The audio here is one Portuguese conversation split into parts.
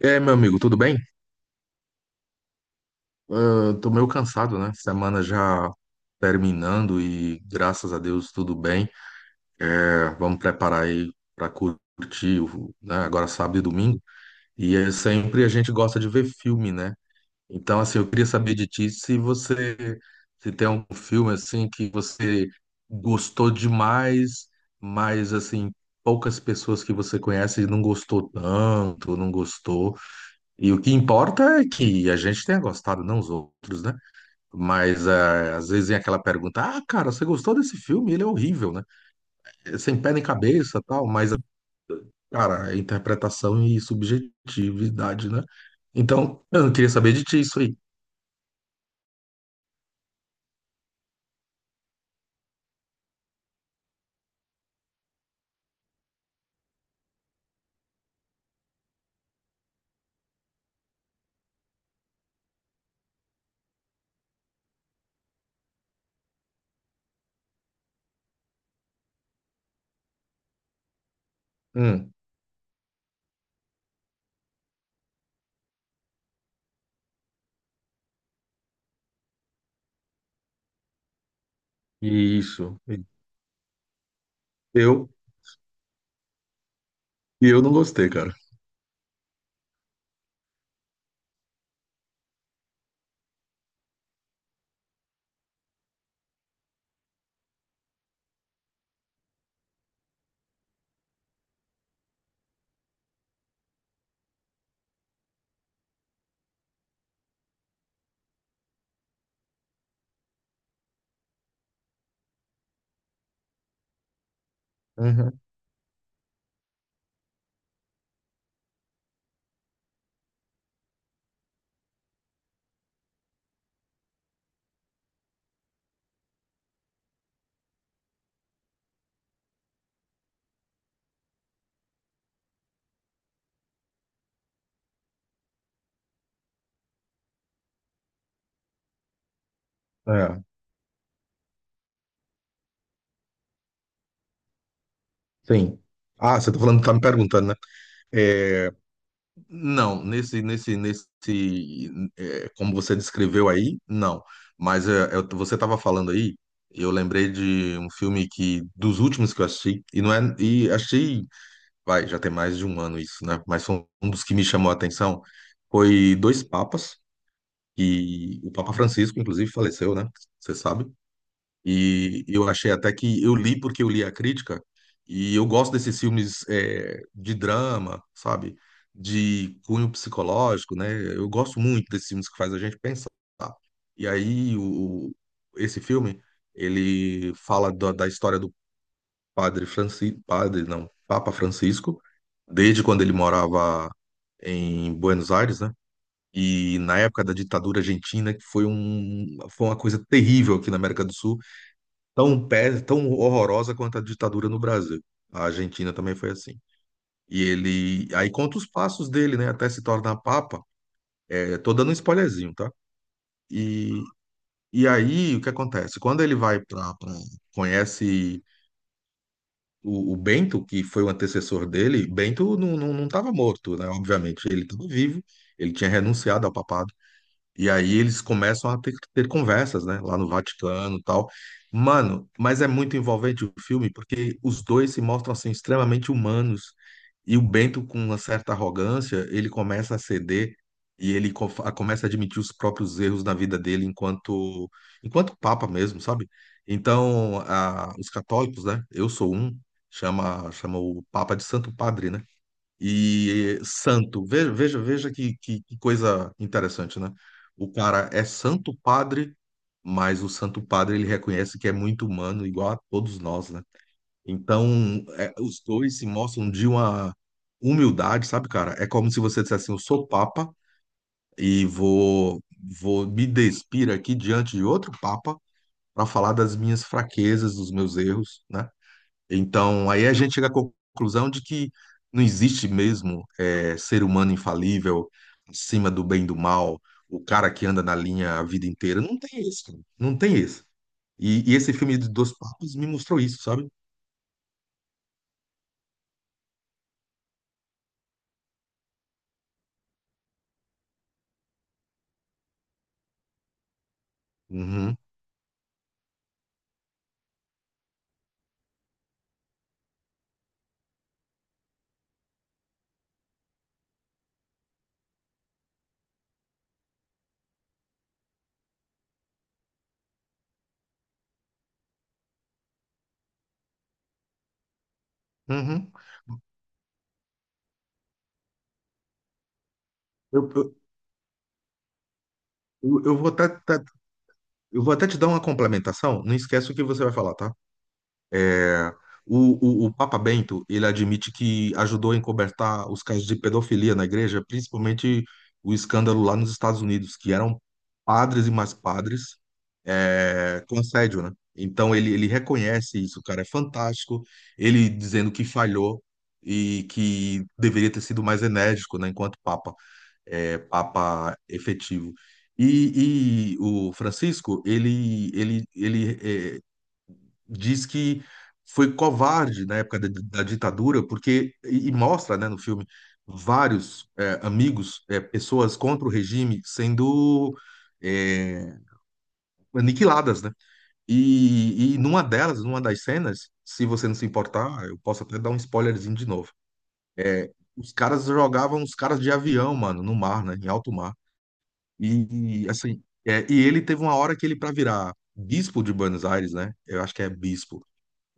E aí, meu amigo, tudo bem? Ah, tô meio cansado, né? Semana já terminando e graças a Deus tudo bem. É, vamos preparar aí para curtir, né? Agora sábado e domingo. E é sempre a gente gosta de ver filme, né? Então, assim, eu queria saber de ti se você se tem um filme assim que você gostou demais, mas assim poucas pessoas que você conhece não gostou tanto, não gostou. E o que importa é que a gente tenha gostado, não os outros, né? Mas é, às vezes vem aquela pergunta: ah, cara, você gostou desse filme? Ele é horrível, né? É sem pé nem cabeça, tal, mas, cara, é interpretação e subjetividade, né? Então, eu não queria saber de ti isso aí. Hum, isso. Eu, e eu não gostei, cara. Uhum. É, sim. Ah, você tá falando, tá me perguntando, né? É, não, nesse, é, como você descreveu aí, não. Mas você estava falando aí, eu lembrei de um filme que dos últimos que eu assisti e não é, e achei, vai, já tem mais de um ano isso, né? Mas foi um dos que me chamou a atenção foi Dois Papas, e o Papa Francisco, inclusive, faleceu, né? Você sabe? E eu achei até que eu li, porque eu li a crítica, e eu gosto desses filmes é, de drama, sabe? De cunho psicológico, né? Eu gosto muito desses filmes que faz a gente pensar. E aí esse filme, ele fala da história do padre Francisco, padre não, Papa Francisco, desde quando ele morava em Buenos Aires, né? E na época da ditadura argentina, que foi um, foi uma coisa terrível aqui na América do Sul, tão pé, tão horrorosa quanto a ditadura no Brasil. A Argentina também foi assim. E ele aí conta os passos dele, né, até se tornar papa. É, tô dando um spoilerzinho, tá? E, e aí o que acontece? Quando ele vai para conhece o Bento, que foi o antecessor dele, Bento não estava morto, né? Obviamente, ele estava vivo. Ele tinha renunciado ao papado. E aí eles começam a ter conversas, né, lá no Vaticano e tal. Mano, mas é muito envolvente o filme, porque os dois se mostram assim extremamente humanos, e o Bento, com uma certa arrogância, ele começa a ceder e ele começa a admitir os próprios erros na vida dele enquanto papa mesmo, sabe? Então, os católicos, né? Eu sou um, chama o Papa de Santo Padre, né? E santo. Veja que, que coisa interessante, né? O cara é santo padre, mas o santo padre, ele reconhece que é muito humano, igual a todos nós, né? Então, é, os dois se mostram de uma humildade, sabe, cara? É como se você dissesse assim, eu sou papa e vou me despir aqui diante de outro papa para falar das minhas fraquezas, dos meus erros, né? Então, aí a gente chega à conclusão de que não existe mesmo ser humano infalível, acima do bem e do mal, o cara que anda na linha a vida inteira. Não tem isso, cara. Não tem isso. E esse filme de Dois Papas me mostrou isso, sabe? Uhum, uhum. Eu, eu vou eu vou até te dar uma complementação. Não esquece o que você vai falar, tá? O Papa Bento, ele admite que ajudou a encobertar os casos de pedofilia na igreja, principalmente o escândalo lá nos Estados Unidos, que eram padres e mais padres é, com assédio, né? Então ele reconhece isso, cara, é fantástico. Ele dizendo que falhou e que deveria ter sido mais enérgico, né, enquanto Papa, é, Papa efetivo. E o Francisco, ele é, diz que foi covarde na época da, da ditadura, porque, e mostra, né, no filme, vários é, amigos, é, pessoas contra o regime sendo é, aniquiladas, né? E numa delas, numa das cenas, se você não se importar, eu posso até dar um spoilerzinho de novo. Os caras jogavam os caras de avião, mano, no mar, né, em alto mar. Assim, é, e ele teve uma hora que ele, para virar bispo de Buenos Aires, né? Eu acho que é bispo,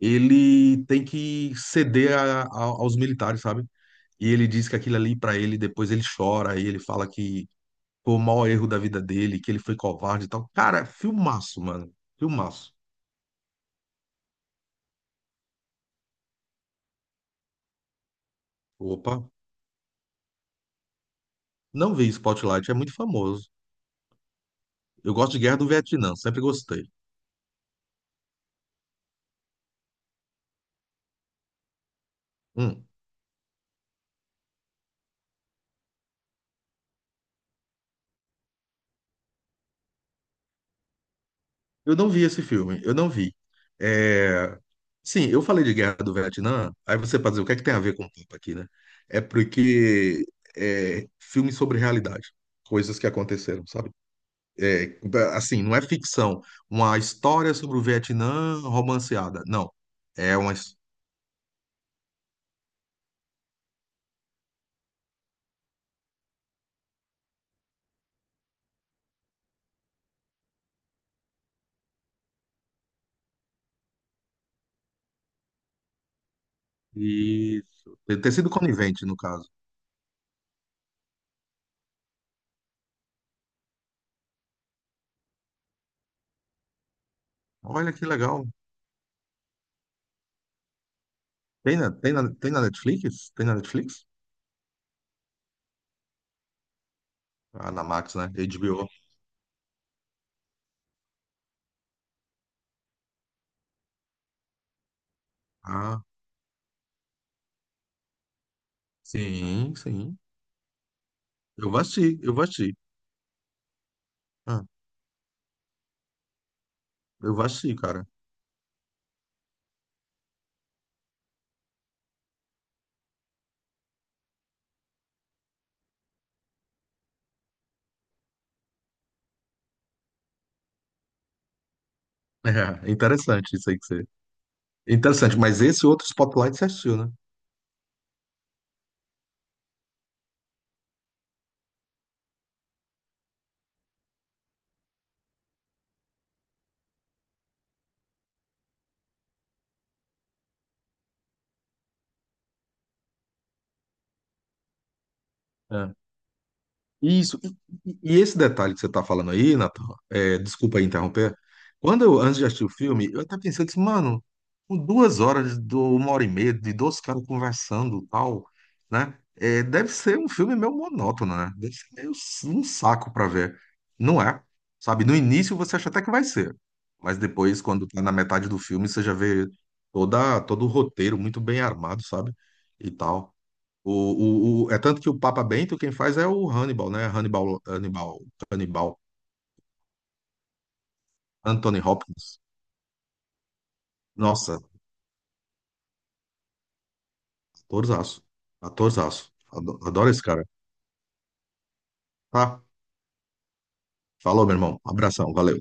ele tem que ceder aos militares, sabe? E ele diz que aquilo ali pra ele, depois ele chora, e ele fala que foi o maior erro da vida dele, que ele foi covarde e tal. Cara, é filmaço, mano. Filmaço. Opa, não vi Spotlight, é muito famoso. Eu gosto de Guerra do Vietnã, sempre gostei. Hum, eu não vi esse filme, eu não vi. É... Sim, eu falei de Guerra do Vietnã, aí você pode dizer, o que é que tem a ver com o papo aqui, né? É porque é filme sobre realidade, coisas que aconteceram, sabe? É, assim, não é ficção, uma história sobre o Vietnã romanceada. Não. É uma. Isso. Tem sido conivente, no caso. Olha que legal. Tem na, tem na Netflix? Tem na Netflix? Ah, na Max, né? HBO. Ah, sim, sim. Eu vou assistir. Ah, eu vou assistir, cara. É, interessante isso aí que você. Interessante, mas esse outro Spotlight você assistiu, né? Isso. E, e esse detalhe que você está falando aí, Nathan, é, desculpa aí interromper. Quando eu, antes de assistir o filme, eu estava pensando assim, mano, com duas horas, do, uma hora e meia, de dois caras conversando e tal, né? É, deve ser um filme meio monótono, né? Deve ser meio um saco para ver. Não é? Sabe, no início você acha até que vai ser, mas depois, quando tá na metade do filme, você já vê todo o roteiro muito bem armado, sabe? E tal. É tanto que o Papa Bento quem faz é o Hannibal, né? Hannibal, Anthony Hopkins. Nossa, atorzaço, atorzaço. Adoro esse cara. Tá? Falou, meu irmão. Abração, valeu.